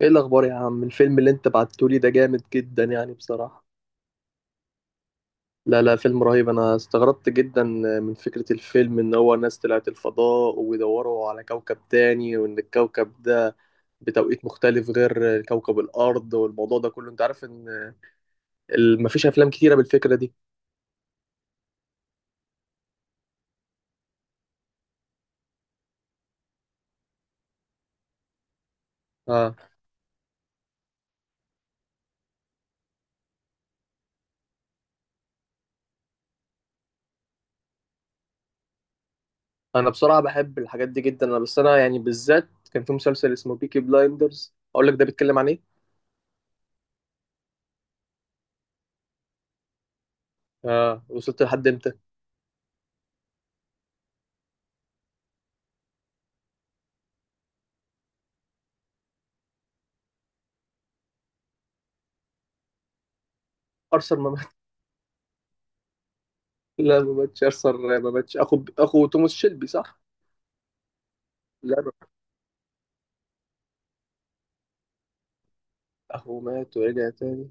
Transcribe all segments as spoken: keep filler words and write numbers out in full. ايه الاخبار يا عم؟ الفيلم اللي انت بعتهولي ده جامد جدا يعني بصراحة. لا لا، فيلم رهيب، انا استغربت جدا من فكرة الفيلم، ان هو ناس طلعت الفضاء وبيدوروا على كوكب تاني، وان الكوكب ده بتوقيت مختلف غير كوكب الارض، والموضوع ده كله انت عارف ان ال- مفيش افلام كتيرة بالفكرة دي. آه. انا بصراحة بحب الحاجات دي جدا، انا بس انا يعني بالذات كان في مسلسل اسمه بيكي بلايندرز، اقول لك ده بيتكلم عن ايه. اه، وصلت لحد امتى؟ ارثر؟ لا ما ماتش ارثر، ما ماتش اخو اخو توماس شيلبي، صح؟ لا ما- اخو مات ورجع تاني؟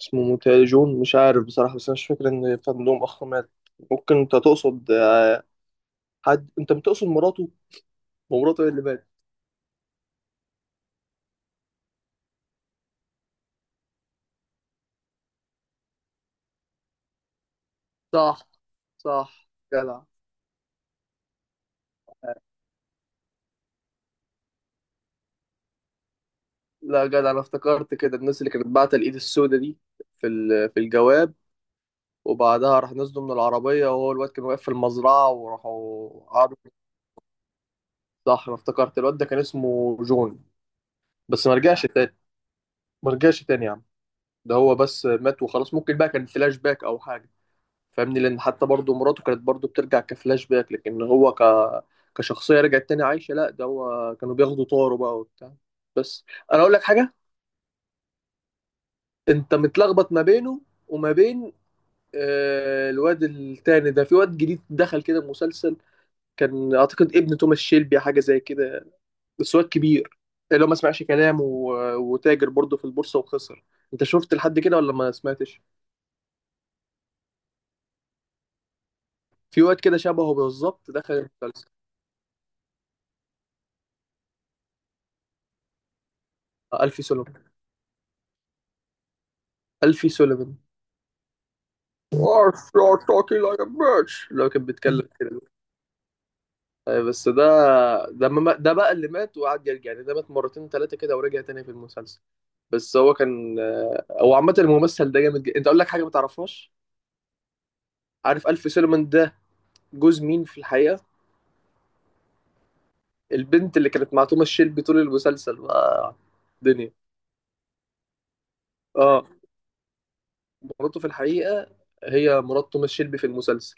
اسمه متهيألي جون، مش عارف بصراحة، بس انا مش فاكر ان كان لهم اخ مات. ممكن انت تقصد آه، حد، انت بتقصد مراته؟ ومراته هي اللي ماتت. صح. صح. جدع. لا جدع، انا افتكرت كده الناس اللي كانت باعتة الايد السوداء دي في ال- في الجواب، وبعدها راح نزلوا من العربية وهو الواد كان واقف في المزرعة وراحوا قعدوا. صح. انا افتكرت الواد ده كان اسمه جون، بس ما رجعش تاني. ما رجعش تاني يا عم، ده هو بس مات وخلاص. ممكن بقى كان فلاش باك او حاجه، فاهمني؟ لان حتى برضه مراته كانت برضه بترجع كفلاش باك، لكن هو ك كشخصيه رجعت تاني عايشه؟ لا ده هو كانوا بياخدوا طاره بقى وبتاع. بس، انا اقول لك حاجه، انت متلخبط ما بينه وما بين آه، الواد التاني ده. في واد جديد دخل كده المسلسل، كان اعتقد ابن توماس شيلبي حاجه زي كده، بس واد كبير، اللي هو ما سمعش كلام و... وتاجر برضه في البورصه وخسر. انت شفت لحد كده ولا ما سمعتش؟ في واد كده شبهه بالظبط دخل المسلسل، آه، ألفي سوليفان. ألفي سوليفان. "Arf, you're talking like a bitch" لو كان بيتكلم كده. آه، بس ده، ده ما ده بقى اللي مات وقعد يرجع، يعني ده مات مرتين ثلاثة كده ورجع تاني في المسلسل. بس هو كان آه، هو عامة الممثل ده جامد جدا. انت اقول لك حاجة ما تعرفهاش. عارف ألفي سوليفان ده جوز مين في الحقيقة؟ البنت اللي كانت مع توماس شيلبي طول المسلسل بقى، الدنيا. اه. مراته في الحقيقة، هي مرات توماس شيلبي في المسلسل.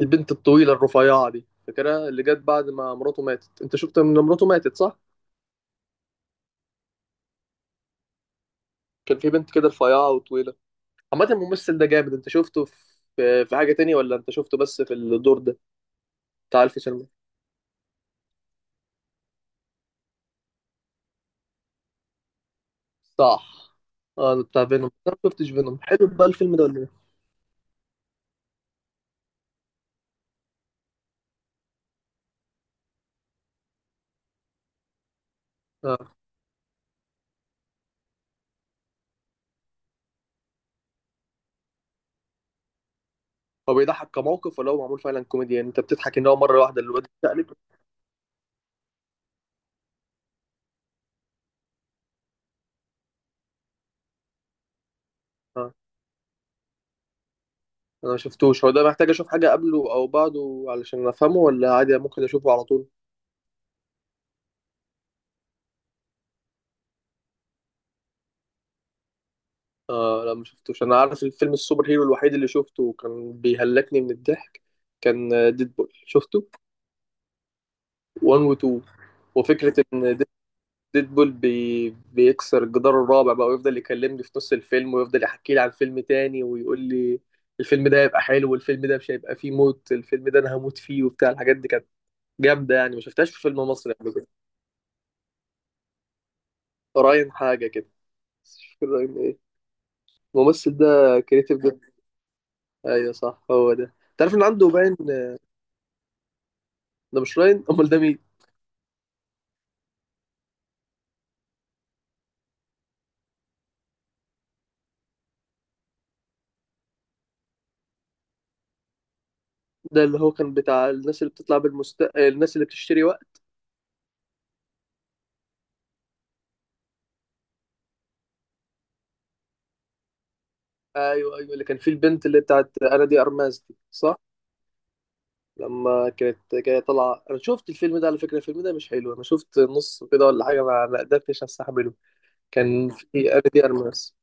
البنت الطويلة الرفيعة دي، فاكرها؟ اللي جت بعد ما مراته ماتت. انت شفت ان مراته ماتت، صح؟ كان في بنت كده رفيعة وطويلة. عامة الممثل ده جامد، انت شفته في في حاجة تانية ولا انت شفته بس في الدور ده بتاع الف سلمى؟ صح. اه بتاع فينوم. انا ما شفتش فينوم، حلو بقى الفيلم ده ولا ايه؟ اه. هو بيضحك كموقف ولا هو معمول فعلا كوميديا، يعني انت بتضحك ان هو مرة واحدة الواد تقلب؟ اه. انا ما شفتوش، هو ده محتاج اشوف حاجة قبله او بعده علشان افهمه ولا عادي ممكن اشوفه على طول؟ اه لا ما شفتوش. انا عارف الفيلم السوبر هيرو الوحيد اللي شفته وكان بيهلكني من الضحك كان ديدبول، شفته واحد و اتنين. وفكرة ان ديدبول بي... بيكسر الجدار الرابع بقى ويفضل يكلمني في نص الفيلم ويفضل يحكي لي عن فيلم تاني ويقول لي الفيلم ده هيبقى حلو، والفيلم ده مش هيبقى فيه موت، الفيلم ده انا هموت فيه، وبتاع الحاجات دي كانت جامدة يعني، ما شفتهاش في فيلم مصري قبل كده. راين حاجة كده، بس مش فاكر راين ايه، الممثل ده كريتيف جدا. ايوه صح، هو ده، تعرف ان عنده باين؟ ده مش راين، امال ده مين؟ ده اللي هو كان بتاع الناس اللي بتطلع بالمست آه، الناس اللي بتشتري وقت. ايوه ايوه، اللي كان فيه البنت اللي بتاعت انا دي ارماز دي، صح؟ لما كانت جايه طالعه. انا شفت الفيلم ده، على فكره الفيلم ده مش حلو، انا شفت نص كده ولا حاجه ما ما قدرتش استحمله. كان في انا دي ارماز،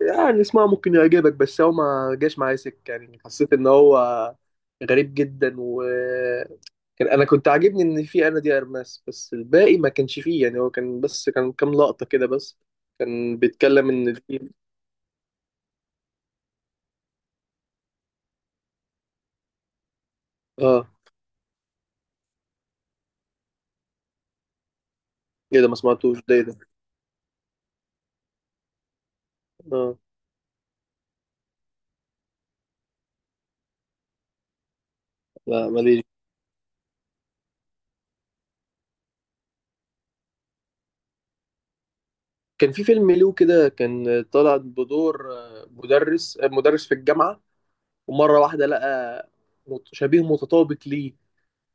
يعني اسمها ممكن يعجبك، بس هو ما جاش معايا سكه، يعني حسيت ان هو غريب جدا، و كان انا كنت عاجبني ان في انا دي ارماس، بس الباقي ما كانش فيه يعني. هو كان بس كان كام لقطة كده بس، كان بيتكلم ان في اه. ايه ده؟ ما سمعتوش ده، ايه ده؟ اه لا ماليش. كان في فيلم له كده، كان طالع بدور آه، مدرس، آه، مدرس في الجامعة، ومرة واحدة لقى مت- شبيه متطابق ليه،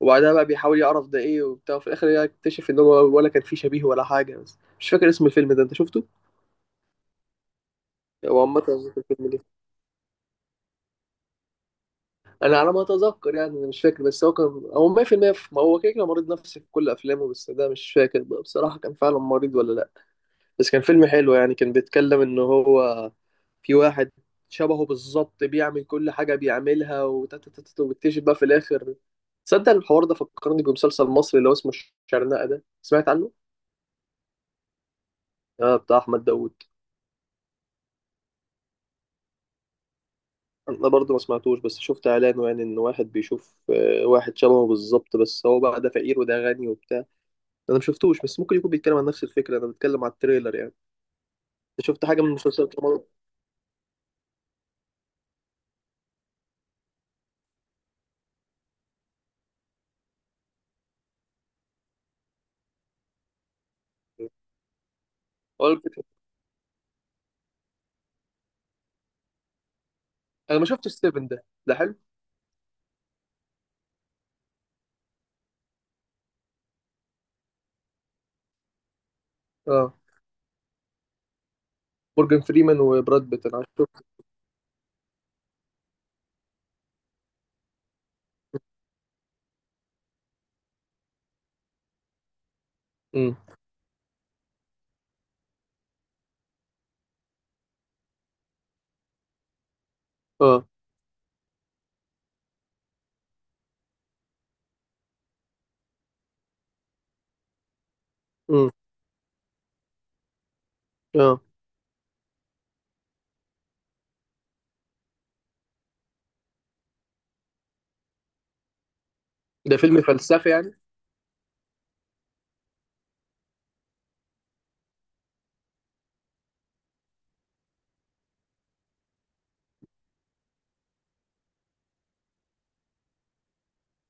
وبعدها بقى بيحاول يعرف ده ايه وبتاع، وفي الاخر يكتشف ان هو ولا كان فيه شبيه ولا حاجة، بس مش فاكر اسم الفيلم ده، انت شفته؟ هو عامة الفيلم ده، انا على ما اتذكر يعني، أنا مش فاكر، بس هو كان هو مية في المية في- المية في- ما هو كده كده مريض نفسي في كل افلامه، بس ده مش فاكر بقى بصراحه كان فعلا مريض ولا لا. بس كان فيلم حلو يعني، كان بيتكلم ان هو في واحد شبهه بالظبط بيعمل كل حاجه بيعملها، وتتتت وبيكتشف بقى في الاخر. تصدق الحوار ده فكرني بمسلسل مصري اللي هو اسمه الشرنقه، ده سمعت عنه؟ اه، بتاع احمد داوود. انا برضه ما سمعتوش، بس شفت اعلانه يعني، ان واحد بيشوف آه، واحد شبهه بالظبط بس هو بقى ده فقير وده غني وبتاع. انا مشفتوش بس ممكن يكون بيتكلم عن نفس الفكره، انا بتكلم على التريلر يعني. انت شفت حاجه من مسلسلات رمضان؟ هو الفكره. انا ما شفتش ستيفن ده، ده حلو؟ اه مورجان فريمان وبراد بيت، انا شفت. امم. اه. امم. اه. ده فيلم فلسفي يعني؟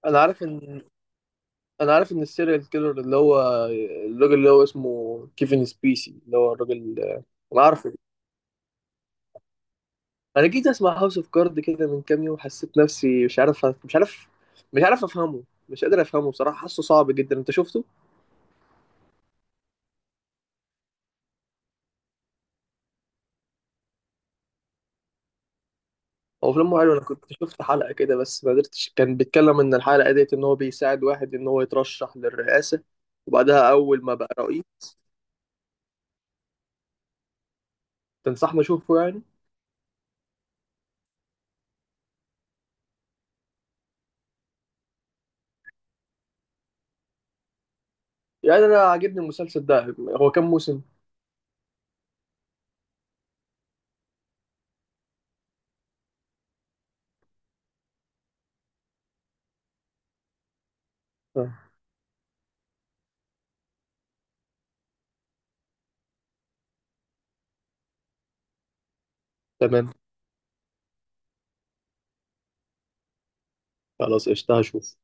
انا عارف ان، انا عارف ان السيريال كيلر اللي هو الراجل اللي هو اسمه كيفن سبيسي، اللي هو الراجل. انا عارفه. انا جيت اسمع هاوس اوف كارد كده من كام يوم، حسيت نفسي مش عارف، مش عارف، مش عارف افهمه، مش قادر افهمه بصراحه، حاسه صعب جدا، انت شفته؟ هو فيلم حلو. انا كنت شفت حلقة كده بس ما قدرتش، كان بيتكلم ان الحلقة ديت ان هو بيساعد واحد ان هو يترشح للرئاسة، وبعدها اول ما بقى رئيس. تنصحني اشوفه يعني؟ يعني انا عاجبني المسلسل ده، هو كام موسم؟ آه. تمام، خلاص قشطة، هشوف.